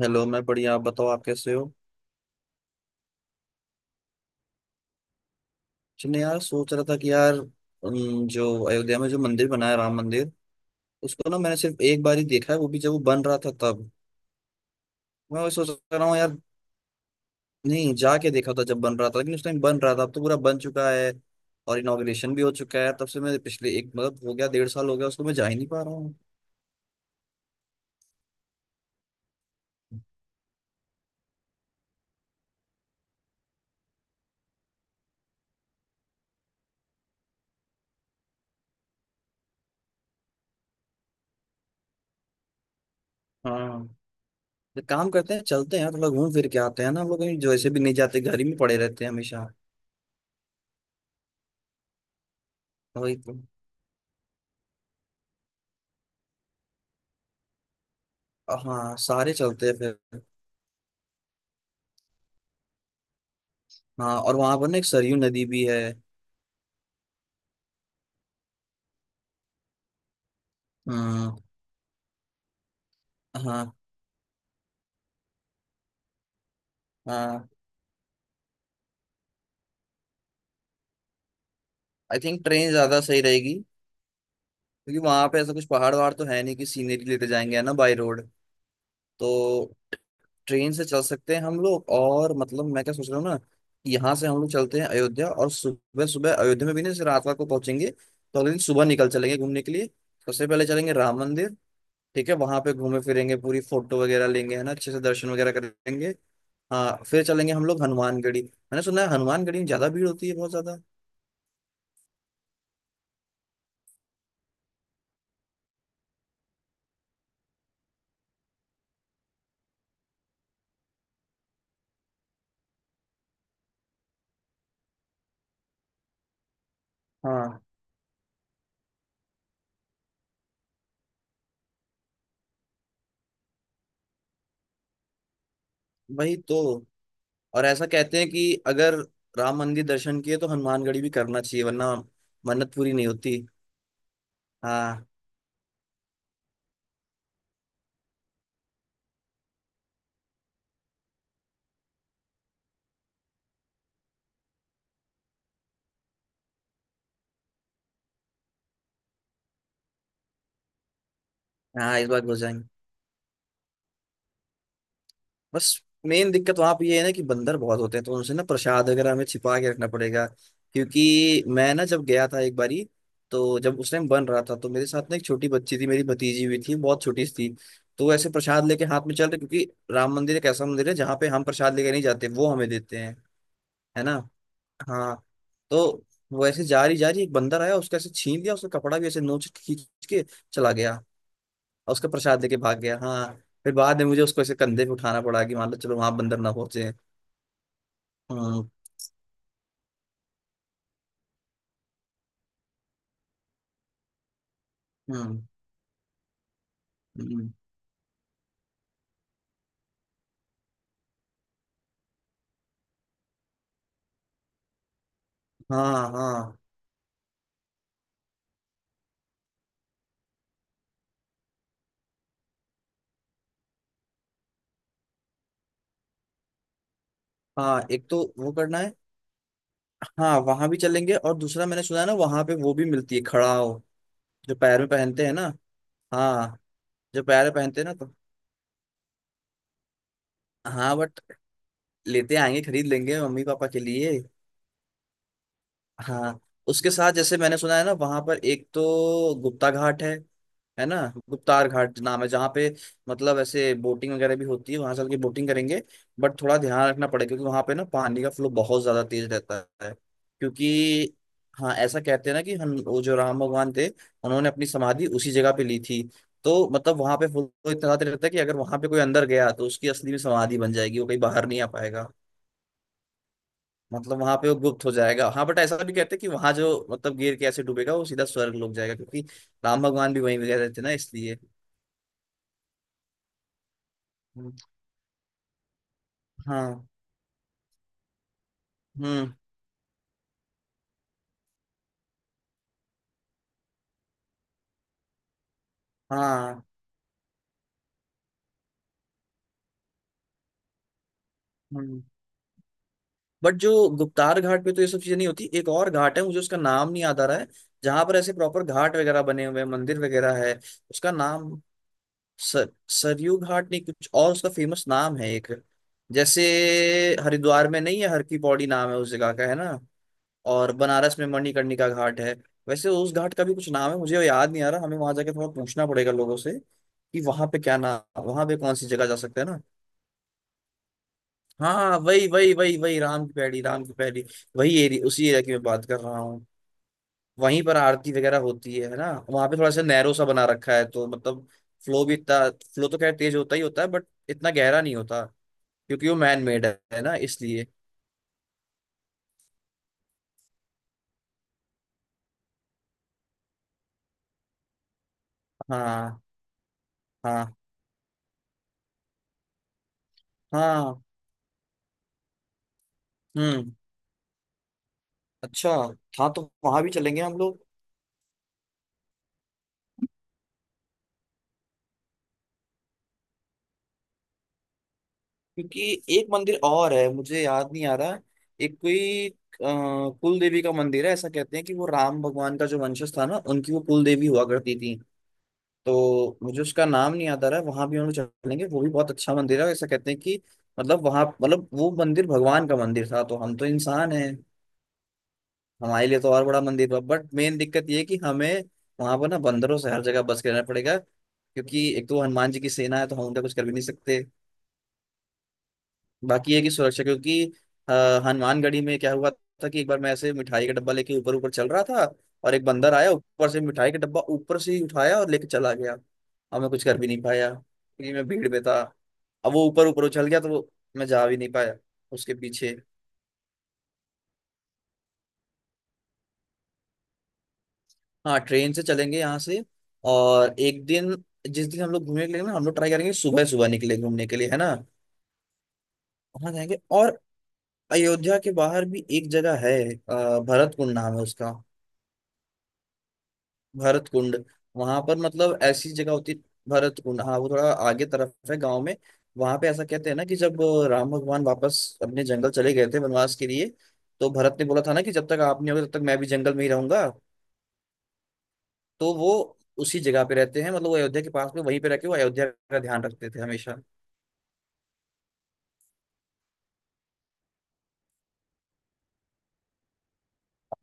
Hello. मैं बढ़िया। आप बताओ आप कैसे हो। चलिए यार, सोच रहा था कि यार, जो अयोध्या में जो मंदिर बना है राम मंदिर, उसको ना मैंने सिर्फ एक बार ही देखा है, वो भी जब वो बन रहा था तब। मैं वही सोच रहा हूँ यार। नहीं जाके देखा था जब बन रहा था, लेकिन उस टाइम बन रहा था, अब तो पूरा बन चुका है। और इनॉग्रेशन भी हो चुका है। तब से मैं पिछले एक मतलब हो गया 1.5 साल हो गया उसको, मैं जा ही नहीं पा रहा हूँ। हाँ, तो काम करते हैं, चलते हैं, थोड़ा घूम फिर के आते हैं ना। हम लोग कहीं जैसे भी नहीं जाते, घर ही में पड़े रहते हैं हमेशा। वही तो। हाँ, सारे चलते हैं फिर। हाँ, और वहां पर ना एक सरयू नदी भी है। हाँ, हाँ, हाँ। आई थिंक ट्रेन ज्यादा सही रहेगी, क्योंकि वहां पे ऐसा कुछ पहाड़ वहाड़ तो है नहीं कि सीनरी लेते जाएंगे है ना, बाई रोड। तो ट्रेन से चल सकते हैं हम लोग। और मतलब मैं क्या सोच रहा हूँ ना कि यहाँ से हम लोग चलते हैं अयोध्या, और सुबह सुबह अयोध्या में भी ना, जैसे रात रात को पहुंचेंगे तो अगले दिन सुबह निकल चलेंगे घूमने के लिए। सबसे पहले चलेंगे राम मंदिर। ठीक है, वहां पे घूमे फिरेंगे, पूरी फोटो वगैरह लेंगे है ना, अच्छे से दर्शन वगैरह करेंगे। हाँ, फिर चलेंगे हम लोग हनुमानगढ़ी। मैंने सुना है हनुमानगढ़ी में ज्यादा भीड़ होती है, बहुत ज्यादा। हाँ, वही तो। और ऐसा कहते हैं कि अगर राम मंदिर दर्शन किए तो हनुमानगढ़ी भी करना चाहिए, वरना मन्नत पूरी नहीं होती। हाँ, हाँ, इस बार हो जाएंगे। बस मेन दिक्कत वहां पे ये है ना कि बंदर बहुत होते हैं, तो उनसे ना प्रसाद वगैरह हमें छिपा के रखना पड़ेगा। क्योंकि मैं ना जब गया था एक बारी, तो जब उस टाइम बन रहा था, तो मेरे साथ ना एक छोटी बच्ची थी, मेरी भतीजी हुई थी, बहुत छोटी सी थी। तो वो ऐसे प्रसाद लेके हाथ में चल रहे, क्योंकि राम मंदिर एक ऐसा मंदिर है जहाँ पे हम प्रसाद लेके नहीं जाते, वो हमें देते हैं, है ना। हाँ। तो वो ऐसे जा रही जा रही, एक बंदर आया, उसका ऐसे छीन लिया, उसका कपड़ा भी ऐसे नोच के खींच के चला गया। और उसका प्रसाद लेके भाग गया। हाँ, फिर बाद में मुझे उसको ऐसे कंधे पे उठाना पड़ा कि मान लो चलो वहां बंदर ना पहुंचे। हम्म, हम्म, हम्म, हाँ, हाँ, हाँ, एक तो वो करना है। हाँ, वहां भी चलेंगे। और दूसरा मैंने सुना है ना, वहां पे वो भी मिलती है खड़ाओ, जो पैर में पहनते हैं ना। हाँ, जो पैर में पहनते हैं ना, तो हाँ, बट लेते आएंगे, खरीद लेंगे मम्मी पापा के लिए। हाँ, उसके साथ जैसे मैंने सुना है ना, वहां पर एक तो गुप्ता घाट है ना। गुप्तार घाट नाम है, जहाँ पे मतलब ऐसे बोटिंग वगैरह भी होती है। वहां चल के बोटिंग करेंगे। बट थोड़ा ध्यान रखना पड़ेगा, क्योंकि वहां पे ना पानी का फ्लो बहुत ज्यादा तेज रहता है। क्योंकि हाँ, ऐसा कहते हैं ना कि हम वो जो राम भगवान थे, उन्होंने अपनी समाधि उसी जगह पे ली थी। तो मतलब वहां पे फ्लो इतना ज्यादा रहता है कि अगर वहां पे कोई अंदर गया तो उसकी असली में समाधि बन जाएगी, वो कहीं बाहर नहीं आ पाएगा। मतलब वहां पे वो गुप्त हो जाएगा। हाँ, बट ऐसा भी कहते हैं कि वहां जो मतलब गिर के ऐसे डूबेगा वो सीधा स्वर्ग लोग जाएगा, क्योंकि राम भगवान भी वहीं गए थे ना, इसलिए। हाँ, हम्म। हाँ, हम्म। बट जो गुप्तार घाट पे तो ये सब चीजें नहीं होती। एक और घाट है, मुझे उसका नाम नहीं याद आ रहा है, जहां पर ऐसे प्रॉपर घाट वगैरह बने हुए हैं, मंदिर वगैरह है। उसका नाम सर सरयू घाट नहीं, कुछ और उसका फेमस नाम है एक। जैसे हरिद्वार में नहीं है हर की पौड़ी नाम है उस जगह का, है ना। और बनारस में मणिकर्णिका घाट है, वैसे उस घाट का भी कुछ नाम है, मुझे याद नहीं आ रहा। हमें वहां जाके थोड़ा पूछना पड़ेगा लोगों से कि वहां पे क्या नाम, वहां पे कौन सी जगह जा सकते हैं ना। हाँ, हाँ, वही वही वही वही राम की पैड़ी, राम की पैड़ी। वही एरिया, उसी एरिया की मैं बात कर रहा हूँ। वहीं पर आरती वगैरह होती है ना। वहां पे थोड़ा सा नैरो सा बना रखा है, तो मतलब फ्लो भी इतना फ्लो तो खैर तेज होता ही होता है, बट इतना गहरा नहीं होता। क्योंकि वो मैन मेड है ना, इसलिए। हाँ, हाँ, हाँ, हम्म, अच्छा। हाँ, तो वहां भी चलेंगे हम लोग। क्योंकि एक मंदिर और है मुझे याद नहीं आ रहा। एक कोई कुल देवी का मंदिर है, ऐसा कहते हैं कि वो राम भगवान का जो वंशज था ना, उनकी वो कुल देवी हुआ करती थी। तो मुझे उसका नाम नहीं याद आ रहा है। वहां भी हम लोग चलेंगे, वो भी बहुत अच्छा मंदिर है। ऐसा कहते हैं कि मतलब वहां मतलब वो मंदिर भगवान का मंदिर था, तो हम तो इंसान हैं। हमारे लिए तो और बड़ा मंदिर था। बट मेन दिक्कत ये है कि हमें वहां पर ना बंदरों से हर जगह बच के रहना पड़ेगा, क्योंकि एक तो हनुमान जी की सेना है, तो हम उनका कुछ कर भी नहीं सकते। बाकी है कि सुरक्षा, क्योंकि अ, हनुमानगढ़ी में क्या हुआ था कि एक बार मैं ऐसे मिठाई का डब्बा लेके ऊपर ऊपर चल रहा था। और एक बंदर आया ऊपर से, मिठाई का डब्बा ऊपर से ही उठाया और लेके चला गया। और मैं कुछ कर भी नहीं पाया क्योंकि मैं भीड़ में था। अब वो ऊपर ऊपर उछल गया, तो वो मैं जा भी नहीं पाया उसके पीछे। हाँ, ट्रेन से चलेंगे यहाँ से। और एक दिन, जिस दिन हम लोग घूमने के लिए ना, हम लोग ट्राई करेंगे सुबह सुबह निकले घूमने के लिए, है ना। वहाँ जाएंगे। और अयोध्या के बाहर भी एक जगह है भरत कुंड नाम है उसका। भरत कुंड, वहां पर मतलब ऐसी जगह होती। भरत कुंड, हाँ वो थोड़ा आगे तरफ है गांव में। वहां पे ऐसा कहते हैं ना कि जब राम भगवान वापस अपने जंगल चले गए थे वनवास के लिए, तो भरत ने बोला था ना कि जब तक आप नहीं होगे तब तक मैं भी जंगल में ही रहूंगा। तो वो उसी जगह पे रहते हैं, मतलब वो अयोध्या के पास में वहीं पे रह के वो अयोध्या का ध्यान रखते थे हमेशा।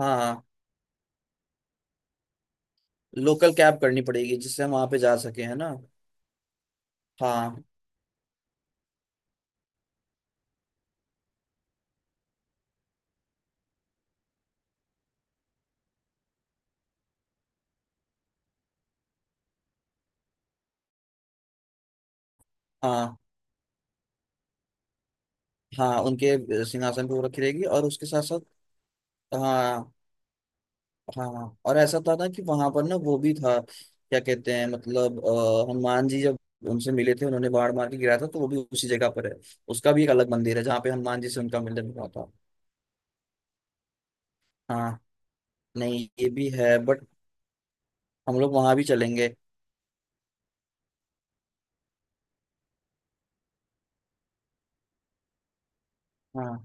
हाँ, लोकल कैब करनी पड़ेगी जिससे हम वहां पे जा सके, है ना। हाँ, हाँ, हाँ, उनके सिंहासन पे वो रखी रहेगी, और उसके साथ साथ। हाँ, हाँ, हाँ और ऐसा था ना कि वहां पर ना वो भी था क्या कहते हैं मतलब हनुमान जी जब उनसे मिले थे, उन्होंने बाण मार के गिराया था, तो वो भी उसी जगह पर है। उसका भी एक अलग मंदिर है जहाँ पे हनुमान जी से उनका मिलन हुआ था। हाँ, नहीं ये भी है बट हम लोग वहां भी चलेंगे। हाँ,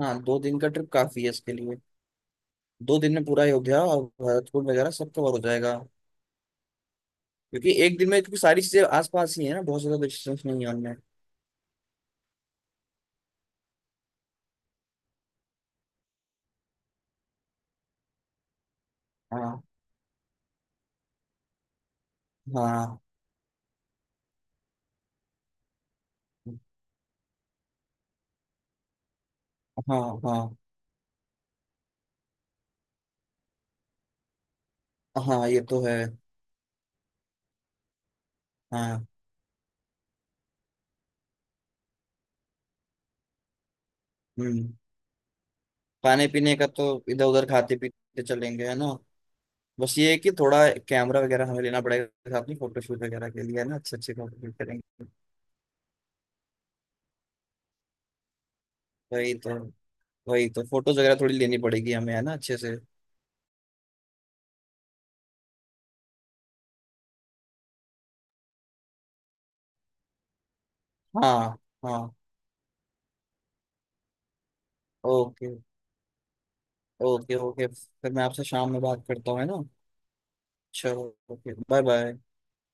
हाँ, 2 दिन का ट्रिप काफी है इसके लिए। 2 दिन में पूरा अयोध्या और भरतपुर वगैरह सब कवर हो जाएगा। क्योंकि एक दिन में, क्योंकि सारी चीजें आसपास ही है ना, बहुत ज्यादा डिस्टेंस नहीं है उनमें। हाँ, हाँ, हाँ, हाँ, हाँ, ये तो है। हाँ, हम्म, खाने पीने का तो इधर उधर खाते पीते चलेंगे है ना। बस ये है कि थोड़ा कैमरा वगैरह हमें लेना पड़ेगा साथ में फोटोशूट वगैरह के लिए, है ना। अच्छे अच्छे फोटो शूट करेंगे। वही तो, वही तो फोटोज वगैरह थोड़ी लेनी पड़ेगी हमें है ना, अच्छे से। हाँ, हाँ, ओके, ओके। ओके, फिर मैं आपसे शाम में बात करता हूँ है ना। चलो, ओके, बाय बाय।